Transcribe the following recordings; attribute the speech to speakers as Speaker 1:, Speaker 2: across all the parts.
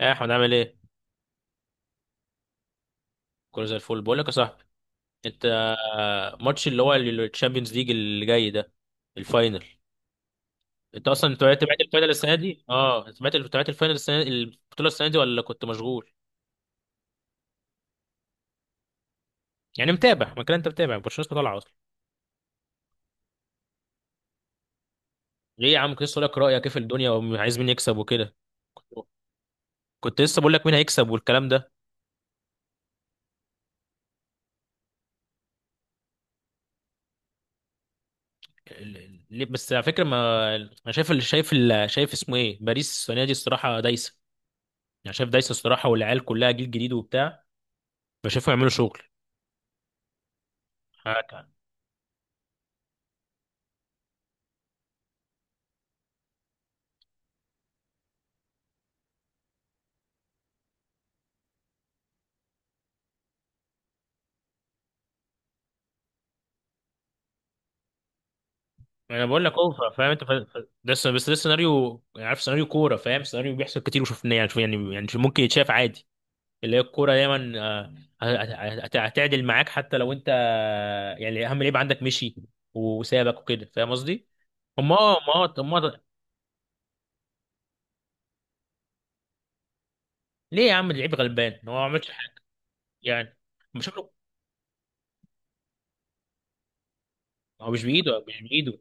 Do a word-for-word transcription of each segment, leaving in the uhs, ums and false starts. Speaker 1: ايه احمد عامل ايه؟ كله زي الفل بقول لك يا صاحبي. انت آه، ماتش اللي هو الشامبيونز ليج اللي جاي ده، الفاينل. انت اصلا انت تابعت الفاينل السنه دي؟ اه، تابعت تابعت الفاينل السنه، البطوله السنه دي، ولا كنت مشغول؟ يعني متابع، ما كده انت متابع برشلونه لسه طالعه اصلا. ليه يا عم؟ كنت لسه اقول لك رايك كيف الدنيا وعايز مين يكسب وكده. كنت كنت لسه بقول لك مين هيكسب والكلام ده. ال- ال- ليه بس؟ على فكره، ما انا شايف اللي شايف اللي شايف اسمه ايه، باريس السنه دي الصراحه دايسه. يعني شايف دايسه الصراحه، والعيال كلها جيل جديد وبتاع، فشايفهم يعملوا شغل. هكا. انا بقول لك اوفر، فاهم انت؟ ف... ف- ده س- بس ده سيناريو، يعني عارف سيناريو كوره، فاهم؟ سيناريو بيحصل كتير وشفناه، يعني شوف- يعني يعني ممكن يتشاف عادي. اللي هي الكوره دايما آه، هت- هت- هتعدل معاك حتى لو انت، آه، يعني اهم لعيب عندك مشي وسابك وكده، فاهم قصدي؟ هم، اه، ما هو طب ما هو- ليه يا عم؟ اللعيب غلبان، هو ما عملش حاجه. يعني مش شكله. هو مش بايده، مش بايده.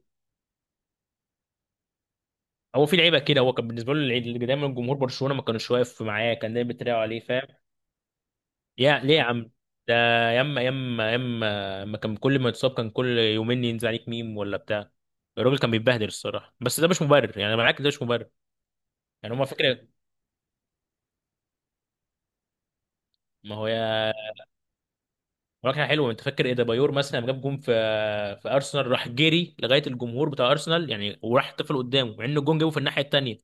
Speaker 1: هو في لعيبه كده، هو كان بالنسبه له اللي دايما جمهور برشلونه ما كانوش واقف معاه، كان دايما بيتريقوا عليه، فاهم؟ يا ليه يا عم؟ ده ياما ياما ياما اما كان كل ما يتصاب كان كل يومين ينزل عليك ميم ولا بتاع. الراجل كان بيتبهدل الصراحه، بس ده مش مبرر، يعني انا معاك، ده مش مبرر. يعني هما فكره. ما هو يا مراكنة حلوه، انت فاكر ايه ده؟ بايور مثلا لما جاب جون في في ارسنال، راح جري لغايه الجمهور بتاع ارسنال يعني، وراح طفل قدامه مع ان الجون جابه في الناحيه التانيه.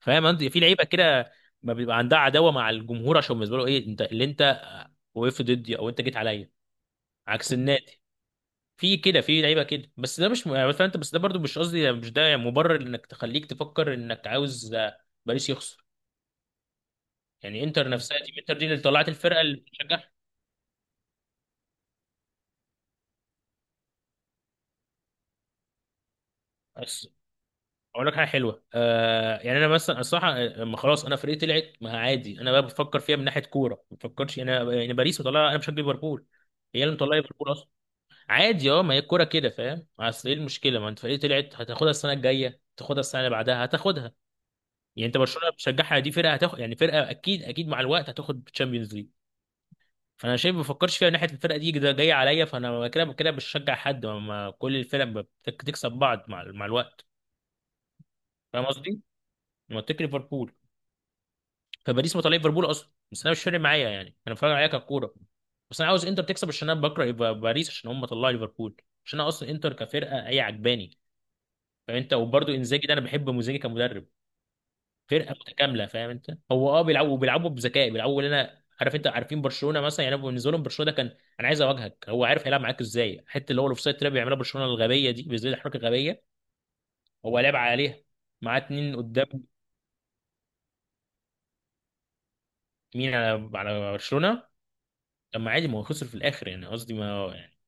Speaker 1: فاهم؟ انت في لعيبه كده، ما بيبقى عندها عداوه مع الجمهور، عشان بالنسبه له ايه، انت اللي انت وقفت ضدي او انت جيت عليا عكس النادي. في كده، في لعيبه كده. بس ده مش م- فانت بس ده برضو مش قصدي، مش ده مبرر انك تخليك تفكر انك عاوز آه، باريس يخسر. يعني انتر نفسها، تيم انتر دي اللي طلعت الفرقه اللي بتشجع. بس اقول لك حاجه حلوه، آه، يعني انا مثلا الصراحه، آه، لما خلاص انا فرقتي طلعت، ما عادي، انا بقى بفكر فيها من ناحيه كوره، ما بفكرش يعني انا، يعني باريس مطلعه، انا بشجع ليفربول، هي اللي مطلعه ليفربول اصلا. عادي، اه، ما هي الكوره كده، فاهم؟ اصل ايه المشكله، ما انت فرقتي طلعت، هتاخدها السنه الجايه، تاخدها السنه اللي بعدها هتاخدها. يعني انت برشلونه بتشجعها دي فرقه هتاخد، يعني فرقه اكيد اكيد مع الوقت هتاخد تشامبيونز ليج. فانا شايف، ما بفكرش فيها من ناحيه الفرقه دي ده جايه عليا، فانا كده كده مش بشجع حد، ما ما كل الفرق بتكسب بعض مع مع الوقت. فاهم قصدي؟ منطقي ليفربول، فباريس مطلع ليفربول اصلا، بس انا مش فارق معايا، يعني انا فارق معايا ككوره. بس انا عاوز انتر تكسب عشان انا بكره يبقى باريس عشان هم طلعوا ليفربول، عشان انا اصلا انتر كفرقه هي عجباني. فانت وبرده انزاجي ده، انا بحب مزاجي كمدرب. فرقه متكامله، فاهم انت؟ هو اه بيلعبوا بيلعبوا بذكاء، بيلعبوا اللي انا عارف انت عارفين. برشلونه مثلا يعني، أنا بالنسبه لهم برشلونه ده كان انا عايز اواجهك، هو عارف هيلعب معاك ازاي، الحته اللي هو الاوفسايد تراب بيعملها برشلونه الغبيه دي، بالذات الحركه الغبيه، هو لعب عليها معاه اتنين قدام. مين على على برشلونه؟ طب ما عادي، ما هو خسر في الاخر، يعني قصدي ما هو يعني.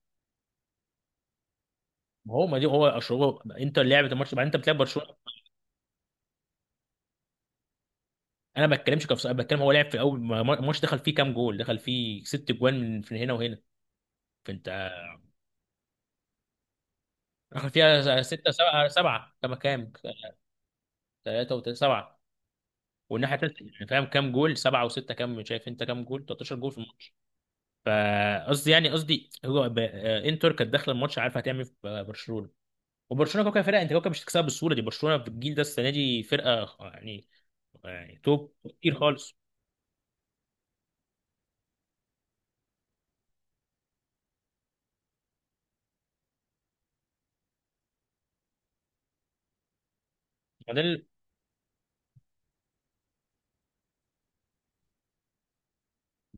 Speaker 1: ما هو ما دي هو اشربه، انت اللي لعبت الماتش بعدين، انت بتلعب برشلونه. انا ما بتكلمش كفص، انا بتكلم هو لعب في اول، ما- ما- الماتش دخل فيه كام جول؟ دخل فيه ست جوان من من هنا وهنا. فانت دخل فيها ستة، سبعة، سبعة كما كام؟ ثلاثة و سبعة، والناحية التالتة يعني، فاهم؟ كام جول؟ سبعة وستة كام، شايف انت؟ كام جول؟ تلتاشر جول في الماتش. فقصدي يعني، قصدي هو ب... آه، انتر كانت داخلة الماتش عارفة هتعمل إيه في، آه، برشلونة. وبرشلونة كوكا فرقة، انت كوكا مش هتكسبها بالسهولة دي، برشلونة في الجيل ده السنة دي فرقة يعني، يعني توب. كتير خالص. ما ده اللي-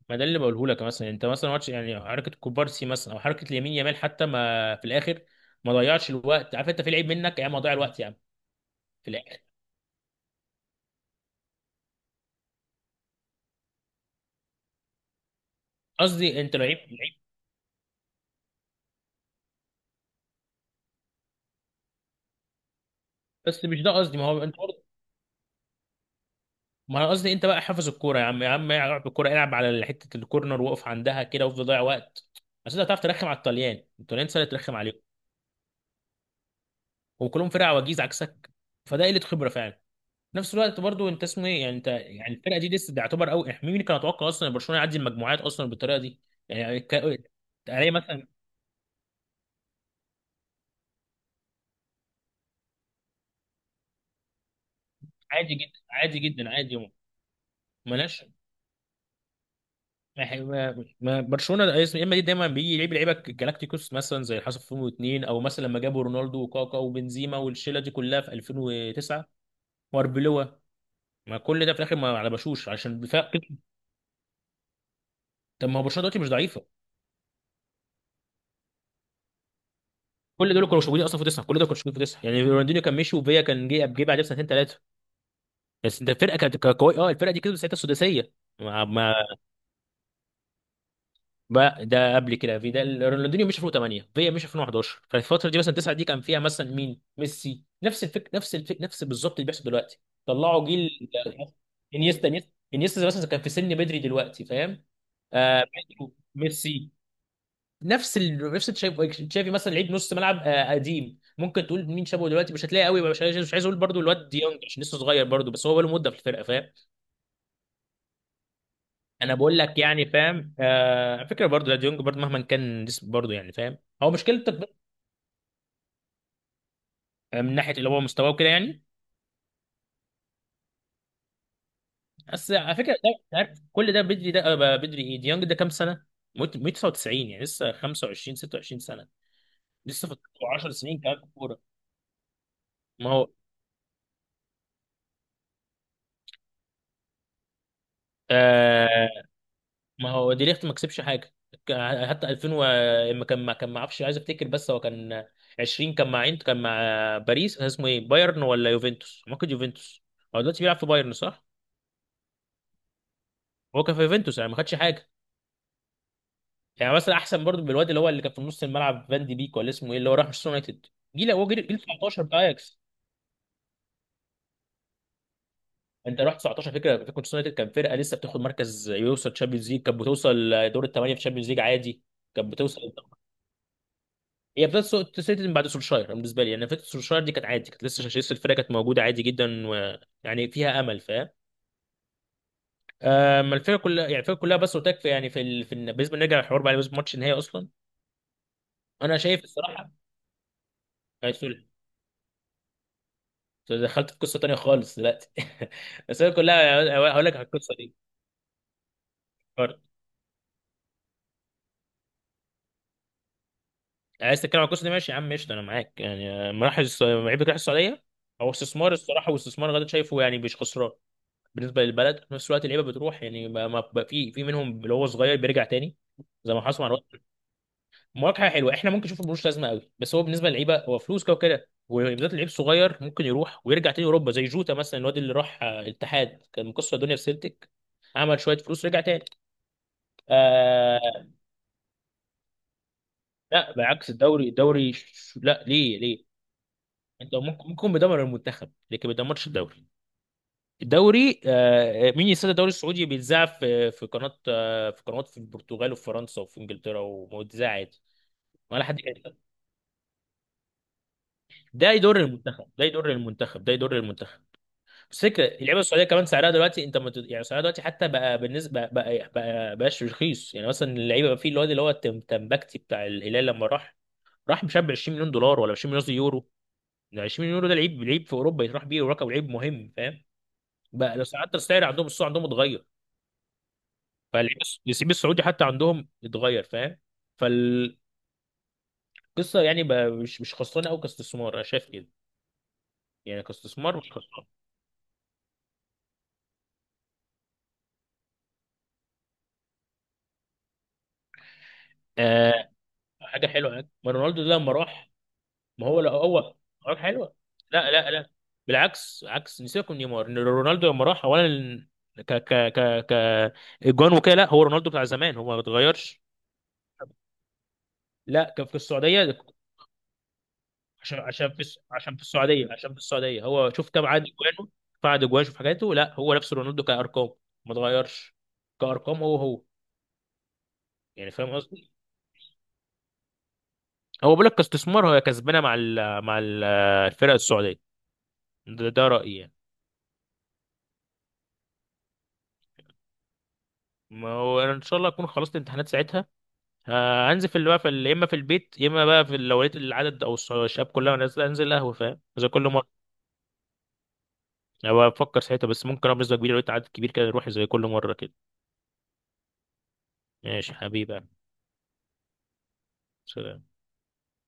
Speaker 1: ما ده اللي بقوله لك، مثلا انت مثلا ماتش، يعني حركة كوبارسي مثلا او حركة اليمين يامال، حتى ما في الاخر ما ضيعش الوقت. عارف انت؟ في لعيب منك يا عم، ضيع الوقت يا عم في الاخر. قصدي انت لعيب لعيب. بس مش ده قصدي، ما هو انت، ما انا قصدي انت بقى حافظ الكوره يا عم، يا عم العب الكوره، العب على حته الكورنر، واقف عندها كده وافضل ضيع وقت. بس انت هتعرف ترخم على الطليان، الطليان سهل ترخم عليهم وكلهم فرقه عواجيز عكسك، فده قله خبره فعلا. في نفس الوقت برضو انت اسمه ايه يعني انت، يعني الفرقه دي لسه بيعتبر قوي. مين كان يتوقع اصلا ان برشلونه يعدي المجموعات اصلا بالطريقه دي؟ يعني ك... علي مثلا. عادي جدا، عادي جدا، عادي. ملهاش. ما هي- ما- ما- برشلونه يا اما دي دايما بيجي يلعب لعيبه جالاكتيكوس، مثلا زي اللي حصل في ألفين واتنين، او مثلا لما جابوا رونالدو وكاكا وبنزيما والشله دي كلها في ألفين وتسعة واربيلوا. ما كل ده في الاخر ما على بشوش عشان دفاع. طب ما هو برشلونه دلوقتي مش ضعيفه. كل دول كانوا مش موجودين اصلا في تسعه، كل دول كانوا مش موجودين في تسعه، يعني رونالدينيو كان مشي، وفيا كان جه جه بعدها بسنتين ثلاثه. بس انت الفرقه كانت كانت قويه، اه الفرقه دي كسبت ساعتها السداسيه. ما بقى ده قبل كده في ده، رونالدينيو مشي ألفين وتمانية، فيا مشي ألفين وحداشر، فالفتره دي مثلا تسعة دي كان فيها مثلا مين؟ ميسي، نفس الفكر، نفس الفكر، نفس بالظبط اللي بيحصل دلوقتي. طلعوا جيل انيستا انيستا انيستا مثلا كان في سن بدري دلوقتي، فاهم؟ آه، بيدرو، ميسي، نفس ال... نفس تشافي، تشافي مثلا لعيب نص ملعب آه قديم. ممكن تقول مين شابه دلوقتي؟ مش هتلاقي قوي، مش عايز مش عايز اقول برضو الواد ديونج عشان لسه صغير برضو، بس هو بقاله مده في الفرقه، فاهم؟ انا بقول لك يعني، فاهم؟ آه فكره برضه، لا ديونج برضه مهما كان جسم برضه، يعني فاهم؟ هو مشكلته ب- من ناحيه اللي هو مستواه وكده يعني. بس على فكره ده، أنت عارف كل ده بدري، ده آه، بدري. ايه ديونج ده كام سنه؟ موت- ميه وتسعة وتسعين، يعني لسه خمسة وعشرين ستة وعشرين سنه، لسه في عشر سنين كمان في الكوره. ما هو آه، ما هو دي ليخت ما كسبش حاجه. ك- حتى ألفين و... ما كان ما كان ما اعرفش، عايز افتكر، بس هو كان عشرين، كان مع عين، كان مع باريس، كان اسمه ايه، بايرن ولا يوفنتوس؟ ما كان يوفنتوس. هو دلوقتي بيلعب في بايرن صح؟ هو كان في يوفنتوس يعني ما خدش حاجه، يعني مثلا احسن برضو من الواد اللي هو اللي كان في نص الملعب فان دي بيك، ولا اسمه ايه اللي هو راح مانشستر يونايتد؟ جيل هو جيل جيل تسعتاشر بتاع اياكس. انت رحت تسعتاشر، فكره فكره مانشستر يونايتد كان فرقه لسه بتاخد مركز، يوصل تشامبيونز ليج، كانت بتوصل دور الثمانيه في تشامبيونز ليج عادي. كانت بتوصل. هي بدات تسيطر من بعد سولشاير، أنا بالنسبه لي يعني فكره سولشاير دي كانت عادي، كانت لسه، لسه الفرقه كانت موجوده عادي جدا و... يعني فيها امل، فاهم؟ اما الفرقه كلها يعني الفرقه كلها، بس قلت لك في يعني في ال... في ال... بالنسبه نرجع للحوار بقى، بالنسبه لماتش النهائي اصلا. انا شايف الصراحه، أيوة، سوري. دخلت في قصه تانيه خالص دلوقتي بس هي كلها هقول لك على القصه دي. عايز تتكلم على القصه دي، ماشي يا عم قشطه، انا معاك. يعني مراحل الس- لعيبه راح السعوديه، هو استثمار الصراحه، واستثمار غدا شايفه يعني مش خسران بالنسبه للبلد. في نفس الوقت اللعيبه بتروح يعني ما ما- بقى في في منهم اللي هو صغير بيرجع تاني زي ما حصل مع الوقت. مواجهه حلوه احنا ممكن نشوف، ملوش لازمه قوي، بس هو بالنسبه للعيبه هو فلوس كده وكده، وبالذات اللعيب الصغير ممكن يروح ويرجع تاني اوروبا. زي جوتا مثلا، الواد اللي راح آه، الاتحاد، كان مكسر الدنيا في سيلتيك، عمل شويه فلوس رجع تاني. آه، لا بالعكس، الدوري الدوري ش- لا ليه؟ ليه؟ انت ممكن، ممكن بيدمر المنتخب، لكن ما بيدمرش الدوري. الدوري آه، مين يستضيف الدوري السعودي، بيتذاع في في قناه، آه في قنوات، في البرتغال وفي فرنسا وفي انجلترا، ومذاع عادي، ولا حد كده. ده يضر المنتخب، ده يضر المنتخب، ده يضر المنتخب. بس فكره اللعيبه السعوديه كمان سعرها دلوقتي انت مت... يعني سعرها دلوقتي حتى بقى بالنسبه بقى، بقى بقاش رخيص، يعني مثلا اللعيبه بقى، في الواد اللي هو التم- تمبكتي بتاع الهلال، لما راح راح مش عارف ب عشرين مليون دولار، ولا عشرين مليون يورو. ده عشرين يورو ده لعيب، لعيب في اوروبا يتراح بيه، ورقم لعيب مهم، فاهم؟ بقى لو حتى السعر عندهم السوق عندهم اتغير، فاللعيب الس- اللعيب السعودي حتى عندهم اتغير، فاهم؟ فالقصه يعني بقى مش مش خسرانه قوي كاستثمار، انا شايف كده، يعني كاستثمار مش خسران. آه، حاجه حلوه يعني. ما رونالدو ده لما راح، ما هو لا هو حاجه حلوه، لا لا لا، بالعكس عكس نسيبكم نيمار، إن رونالدو لما راح اولا، ك ك ك ك اجوان وكده، لا هو رونالدو بتاع زمان، هو ما اتغيرش. لا كان في السعوديه، عشان، عشان في الس- عشان في السعوديه، عشان في السعوديه، هو شوف كم عدد اجوانه، فعد اجوانه، شوف حاجاته. لا هو نفس رونالدو كارقام، ما اتغيرش، كارقام هو هو، يعني فاهم قصدي؟ هو بيقول لك كاستثمار هي كسبانه مع ال، مع ال الفرق السعوديه. ده، ده رايي يعني. ما هو انا ان شاء الله اكون خلصت الامتحانات ساعتها، ه- هنزل في اللي بقى في ال- يا اما في البيت، يا اما بقى في ال، لو لقيت العدد او الص- الشباب كلها نازله انزل قهوه، فاهم، زي كل مره. انا بفكر ساعتها، بس ممكن أبقى بنسبه كبيره لو لقيت عدد كبير كده نروح زي كل مره كده. ماشي حبيبي. سلام.